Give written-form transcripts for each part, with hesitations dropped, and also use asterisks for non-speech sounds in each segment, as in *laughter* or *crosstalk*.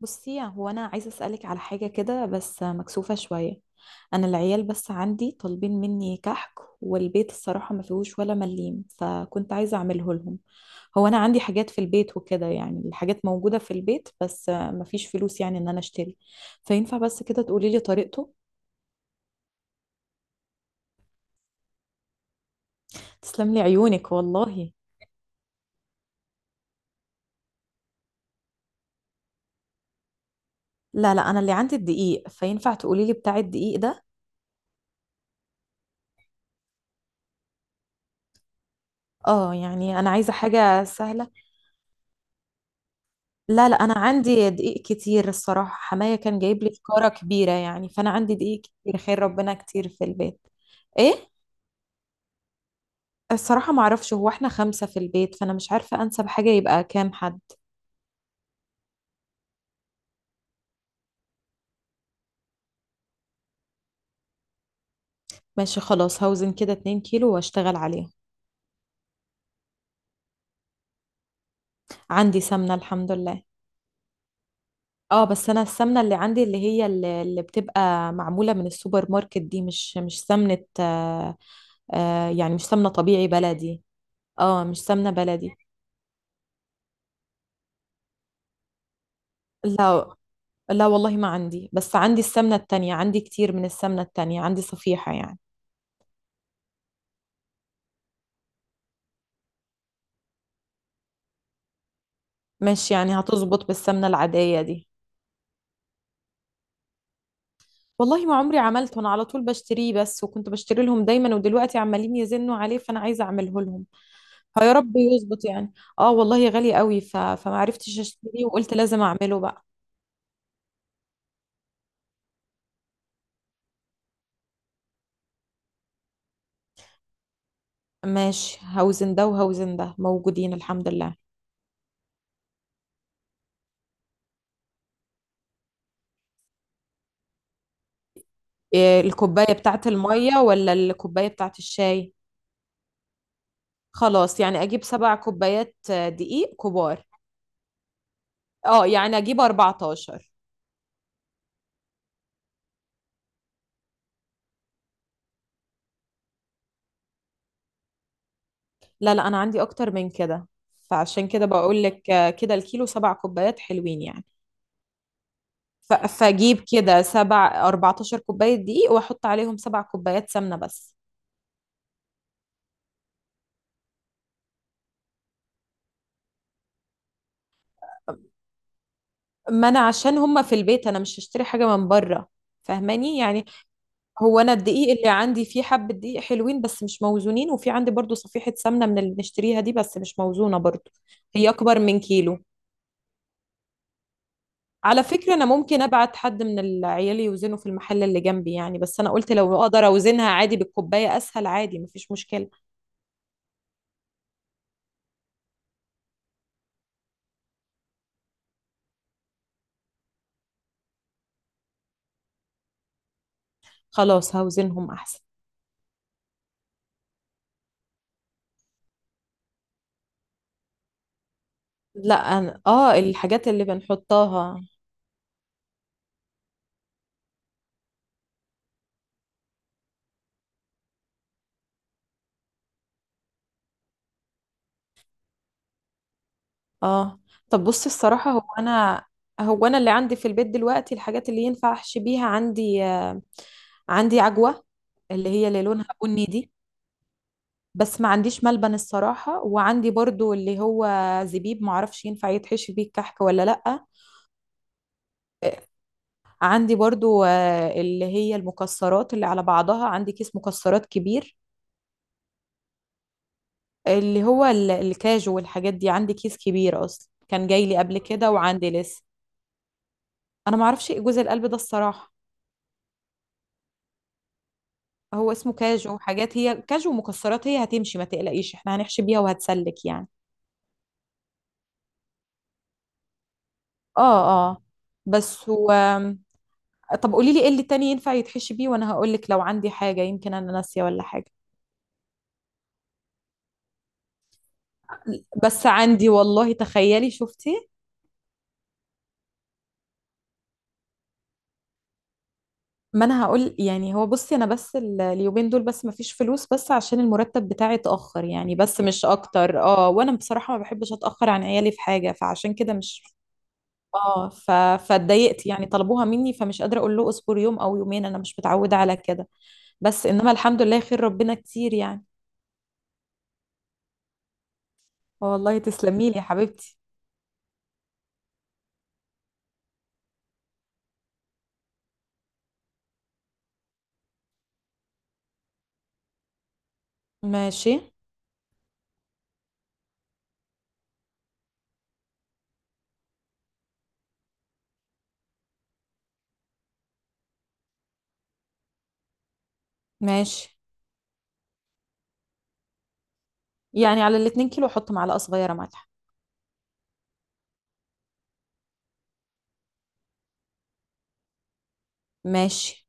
بصي، يعني هو انا عايزه اسالك على حاجه كده بس مكسوفه شويه. انا العيال بس عندي طالبين مني كحك، والبيت الصراحه ما فيهوش ولا مليم، فكنت عايزه اعمله لهم. هو انا عندي حاجات في البيت وكده، يعني الحاجات موجوده في البيت بس ما فيش فلوس يعني ان انا اشتري. فينفع بس كده تقولي لي طريقته؟ تسلم لي عيونك والله. لا لا، انا اللي عندي الدقيق، فينفع تقولي لي بتاع الدقيق ده؟ اه يعني انا عايزه حاجه سهله. لا لا، انا عندي دقيق كتير الصراحه، حمايه كان جايب لي فكاره كبيره يعني، فانا عندي دقيق كتير، خير ربنا كتير في البيت. ايه؟ الصراحه ما اعرفش، هو احنا خمسه في البيت، فانا مش عارفه انسب حاجه يبقى كام حد. ماشي خلاص، هوزن كده 2 كيلو واشتغل عليهم. عندي سمنه الحمد لله. اه بس انا السمنه اللي عندي، اللي هي اللي بتبقى معموله من السوبر ماركت دي، مش سمنه آه. آه يعني مش سمنه طبيعي بلدي. اه مش سمنه بلدي. لا لا والله ما عندي، بس عندي السمنة التانية، عندي كتير من السمنة التانية، عندي صفيحة يعني. ماشي، يعني هتظبط بالسمنة العادية دي؟ والله ما عمري عملته، انا على طول بشتريه بس، وكنت بشتري لهم دايما، ودلوقتي عمالين يزنوا عليه، فانا عايزة اعمله لهم. فيا رب يظبط يعني. اه والله غالي قوي، فما عرفتش اشتريه، وقلت لازم اعمله بقى. ماشي، هوزن ده وهوزن ده موجودين الحمد لله. إيه، الكوباية بتاعت المية ولا الكوباية بتاعت الشاي؟ خلاص يعني اجيب سبع كوبايات دقيق كبار. اه يعني اجيب 14؟ لا لا انا عندي اكتر من كده. فعشان كده بقول لك كده الكيلو سبع كوبايات حلوين يعني. فاجيب كده سبع 14 كوباية دقيق واحط عليهم سبع كوبايات سمنة بس. ما انا عشان هما في البيت، انا مش هشتري حاجة من بره. فاهماني يعني؟ هو انا الدقيق اللي عندي فيه حبة دقيق حلوين بس مش موزونين، وفي عندي برضو صفيحة سمنة من اللي بنشتريها دي بس مش موزونة برضو. هي اكبر من كيلو. على فكرة أنا ممكن أبعت حد من العيال يوزنه في المحل اللي جنبي يعني، بس أنا قلت لو أقدر أوزنها عادي بالكوباية أسهل، عادي مفيش مشكلة. خلاص هوزنهم أحسن. لا أنا الحاجات اللي بنحطها. آه. طب بصي الصراحة هو أنا، هو أنا اللي عندي في البيت دلوقتي الحاجات اللي ينفع أحشي بيها، عندي آه، عندي عجوة، اللي هي اللي لونها بني دي. بس ما عنديش ملبن الصراحة، وعندي برضو اللي هو زبيب، معرفش ينفع يتحشي بيه الكحك ولا لأ. عندي برضو اللي هي المكسرات اللي على بعضها، عندي كيس مكسرات كبير. اللي هو الكاجو والحاجات دي، عندي كيس كبير اصلا كان جاي لي قبل كده وعندي لسه. انا ما اعرفش ايه جوز القلب ده الصراحة. هو اسمه كاجو حاجات، هي كاجو ومكسرات، هي هتمشي ما تقلقيش، احنا هنحشي بيها وهتسلك يعني. اه اه. بس هو، طب قولي لي ايه اللي تاني ينفع يتحشي بيه، وانا هقول لك لو عندي حاجة، يمكن انا ناسية ولا حاجة. بس عندي والله، تخيلي شفتي. ما انا هقول يعني، هو بصي انا بس اليومين دول بس مفيش فلوس، بس عشان المرتب بتاعي اتاخر يعني بس، مش اكتر، اه، وانا بصراحه ما بحبش اتاخر عن عيالي في حاجه، فعشان كده مش. اه. فاتضايقت يعني، طلبوها مني فمش قادره اقول له اصبر يوم او يومين، انا مش متعوده على كده. بس انما الحمد لله خير ربنا كتير يعني. والله تسلمي لي يا حبيبتي. ماشي. ماشي، يعني على الاتنين كيلو احط معلقه صغيره ملح؟ ماشي.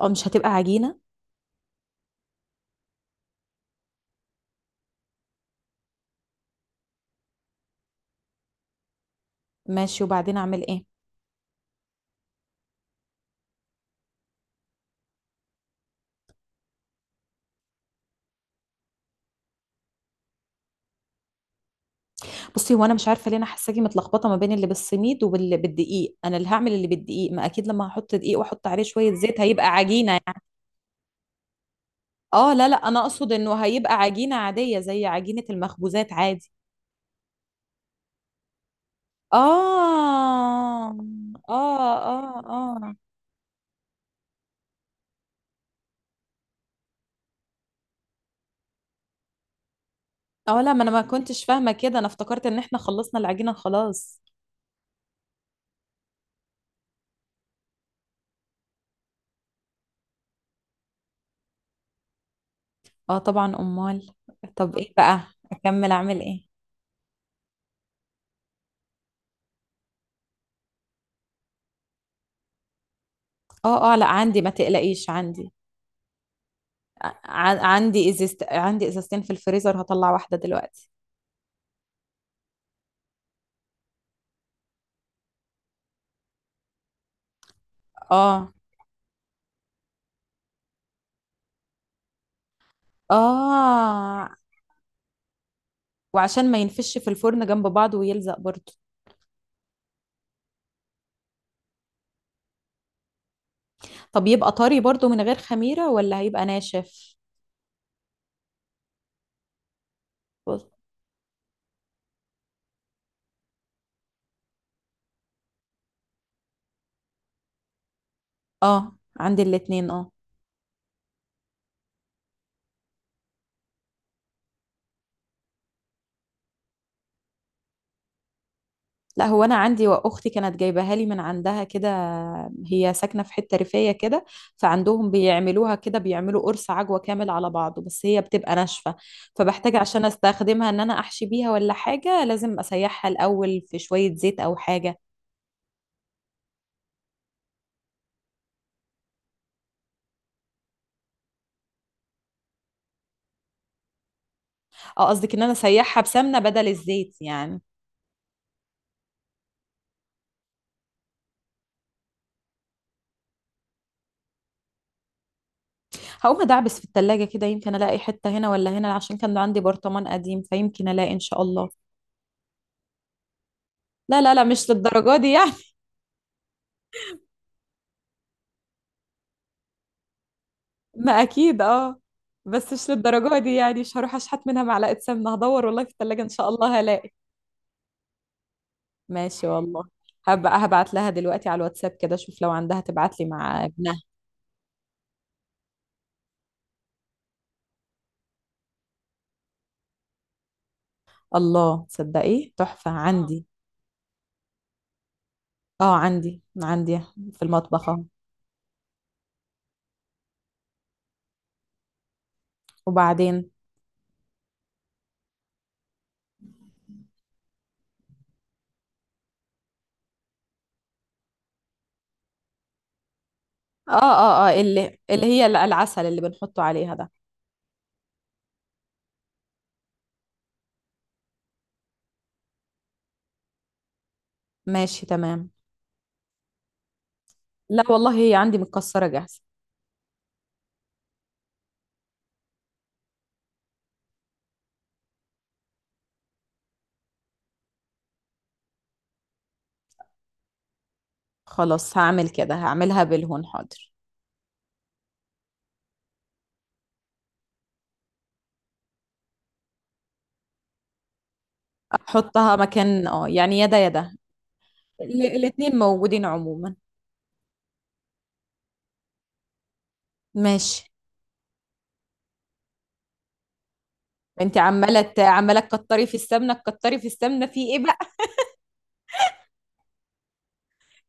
اه مش هتبقى عجينه؟ ماشي، وبعدين اعمل ايه؟ بصي هو انا مش عارفه ليه انا حاساكي متلخبطه ما بين اللي بالسميد واللي بالدقيق، انا اللي هعمل اللي بالدقيق، ما اكيد لما هحط دقيق واحط عليه شويه زيت هيبقى عجينه يعني. اه لا لا، انا اقصد انه هيبقى عجينه عاديه زي عجينه المخبوزات عادي. اه اه اه. اه اه. لا ما انا ما كنتش فاهمه كده، انا افتكرت ان احنا خلصنا العجينه خلاص. اه طبعا، امال. طب ايه بقى؟ اكمل اعمل ايه؟ اه اه، لا عندي ما تقلقيش، عندي. عندي ازازت، عندي ازازتين في الفريزر، هطلع واحده دلوقتي. اه. اه، وعشان ما ينفش في الفرن جنب بعض ويلزق برضو. طب يبقى طري برضو من غير خميرة، ولا هيبقى ناشف؟ بص. اه عندي الاتنين اه. لا هو انا عندي، واختي كانت جايباها لي من عندها كده، هي ساكنة في حتة ريفية كده. فعندهم بيعملوها كده، بيعملوا قرص عجوة كامل على بعضه، بس هي بتبقى ناشفة. فبحتاج عشان استخدمها ان انا احشي بيها ولا حاجة، لازم اسيحها الاول في شوية زيت او حاجة. اه قصدك ان انا اسيحها بسمنة بدل الزيت يعني؟ هقوم ادعبس في التلاجة كده، يمكن الاقي حتة هنا ولا هنا، عشان كان عندي برطمان قديم، فيمكن الاقي ان شاء الله. لا لا لا مش للدرجة دي يعني. *laughs* ما اكيد اه. بس مش للدرجة دي يعني، مش هروح اشحت منها معلقة سمنة، هدور والله في التلاجة ان شاء الله هلاقي. ماشي والله. هبقى هبعت لها دلوقتي على الواتساب كده، اشوف لو عندها تبعت لي مع ابنها. الله تصدقي تحفة، اه عندي. اه عندي، عندي في المطبخ اهو. وبعدين؟ اه اه اه، اللي هي العسل اللي بنحطه عليها ده. ماشي تمام. لا والله هي عندي متكسرة جاهزة. خلاص هعمل كده، هعملها بالهون حاضر. احطها مكان اه يعني، يدا يدا. الاتنين موجودين عموما. ماشي. انت عمالة تكتري في السمنة، تكتري في السمنة في ايه بقى؟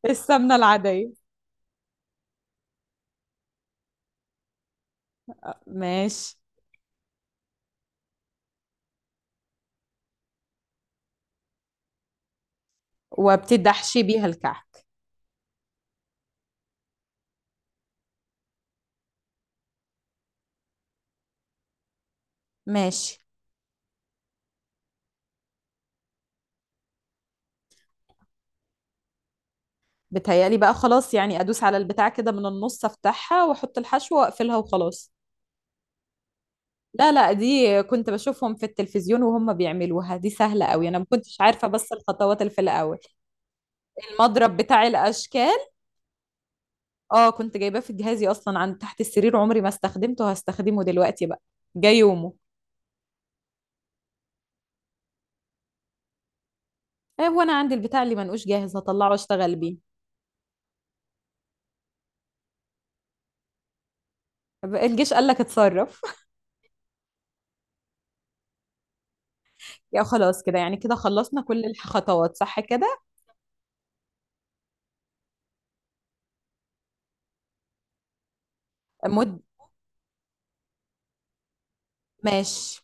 *laughs* السمنة العادية. ماشي. وبتدحشي بيها الكعك. ماشي. بتهيألي بقى خلاص، يعني ادوس على البتاع كده من النص، افتحها واحط الحشو واقفلها وخلاص. لا لا، دي كنت بشوفهم في التلفزيون وهم بيعملوها، دي سهلة قوي، انا ما كنتش عارفة بس الخطوات اللي في الاول. المضرب بتاع الاشكال. اه كنت جايباه في جهازي اصلا، عند تحت السرير، عمري ما استخدمته، هستخدمه دلوقتي بقى. جاي يومه. وانا عندي البتاع اللي منقوش جاهز، هطلعه اشتغل بيه. طب الجيش قال لك اتصرف. *laughs* يا خلاص كده يعني، كده خلصنا كل الخطوات صح كده؟ مد. ماشي.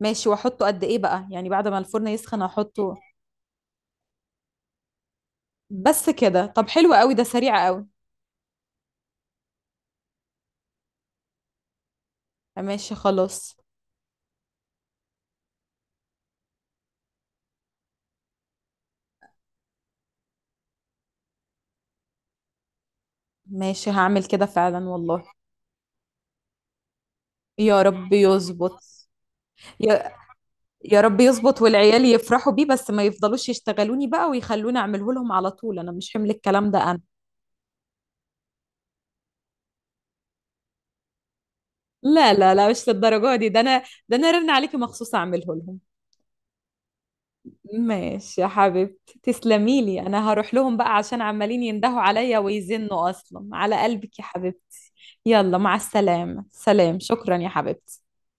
ماشي، واحطه قد ايه بقى يعني بعد ما الفرن يسخن احطه؟ بس كده؟ طب حلو قوي، ده سريع قوي. ماشي خلاص. ماشي هعمل كده فعلا والله. يا رب يظبط. يا يا رب يظبط والعيال يفرحوا بيه، بس ما يفضلوش يشتغلوني بقى ويخلوني اعمله لهم على طول، انا مش حمل الكلام ده انا. لا لا لا مش للدرجة دي، ده انا، ده انا رن عليكي مخصوص اعمله لهم. ماشي يا حبيبتي، تسلمي لي، انا هروح لهم بقى عشان عمالين يندهوا عليا ويزنوا، اصلا على قلبك يا حبيبتي. يلا مع السلامة، سلام، شكرا يا حبيبتي.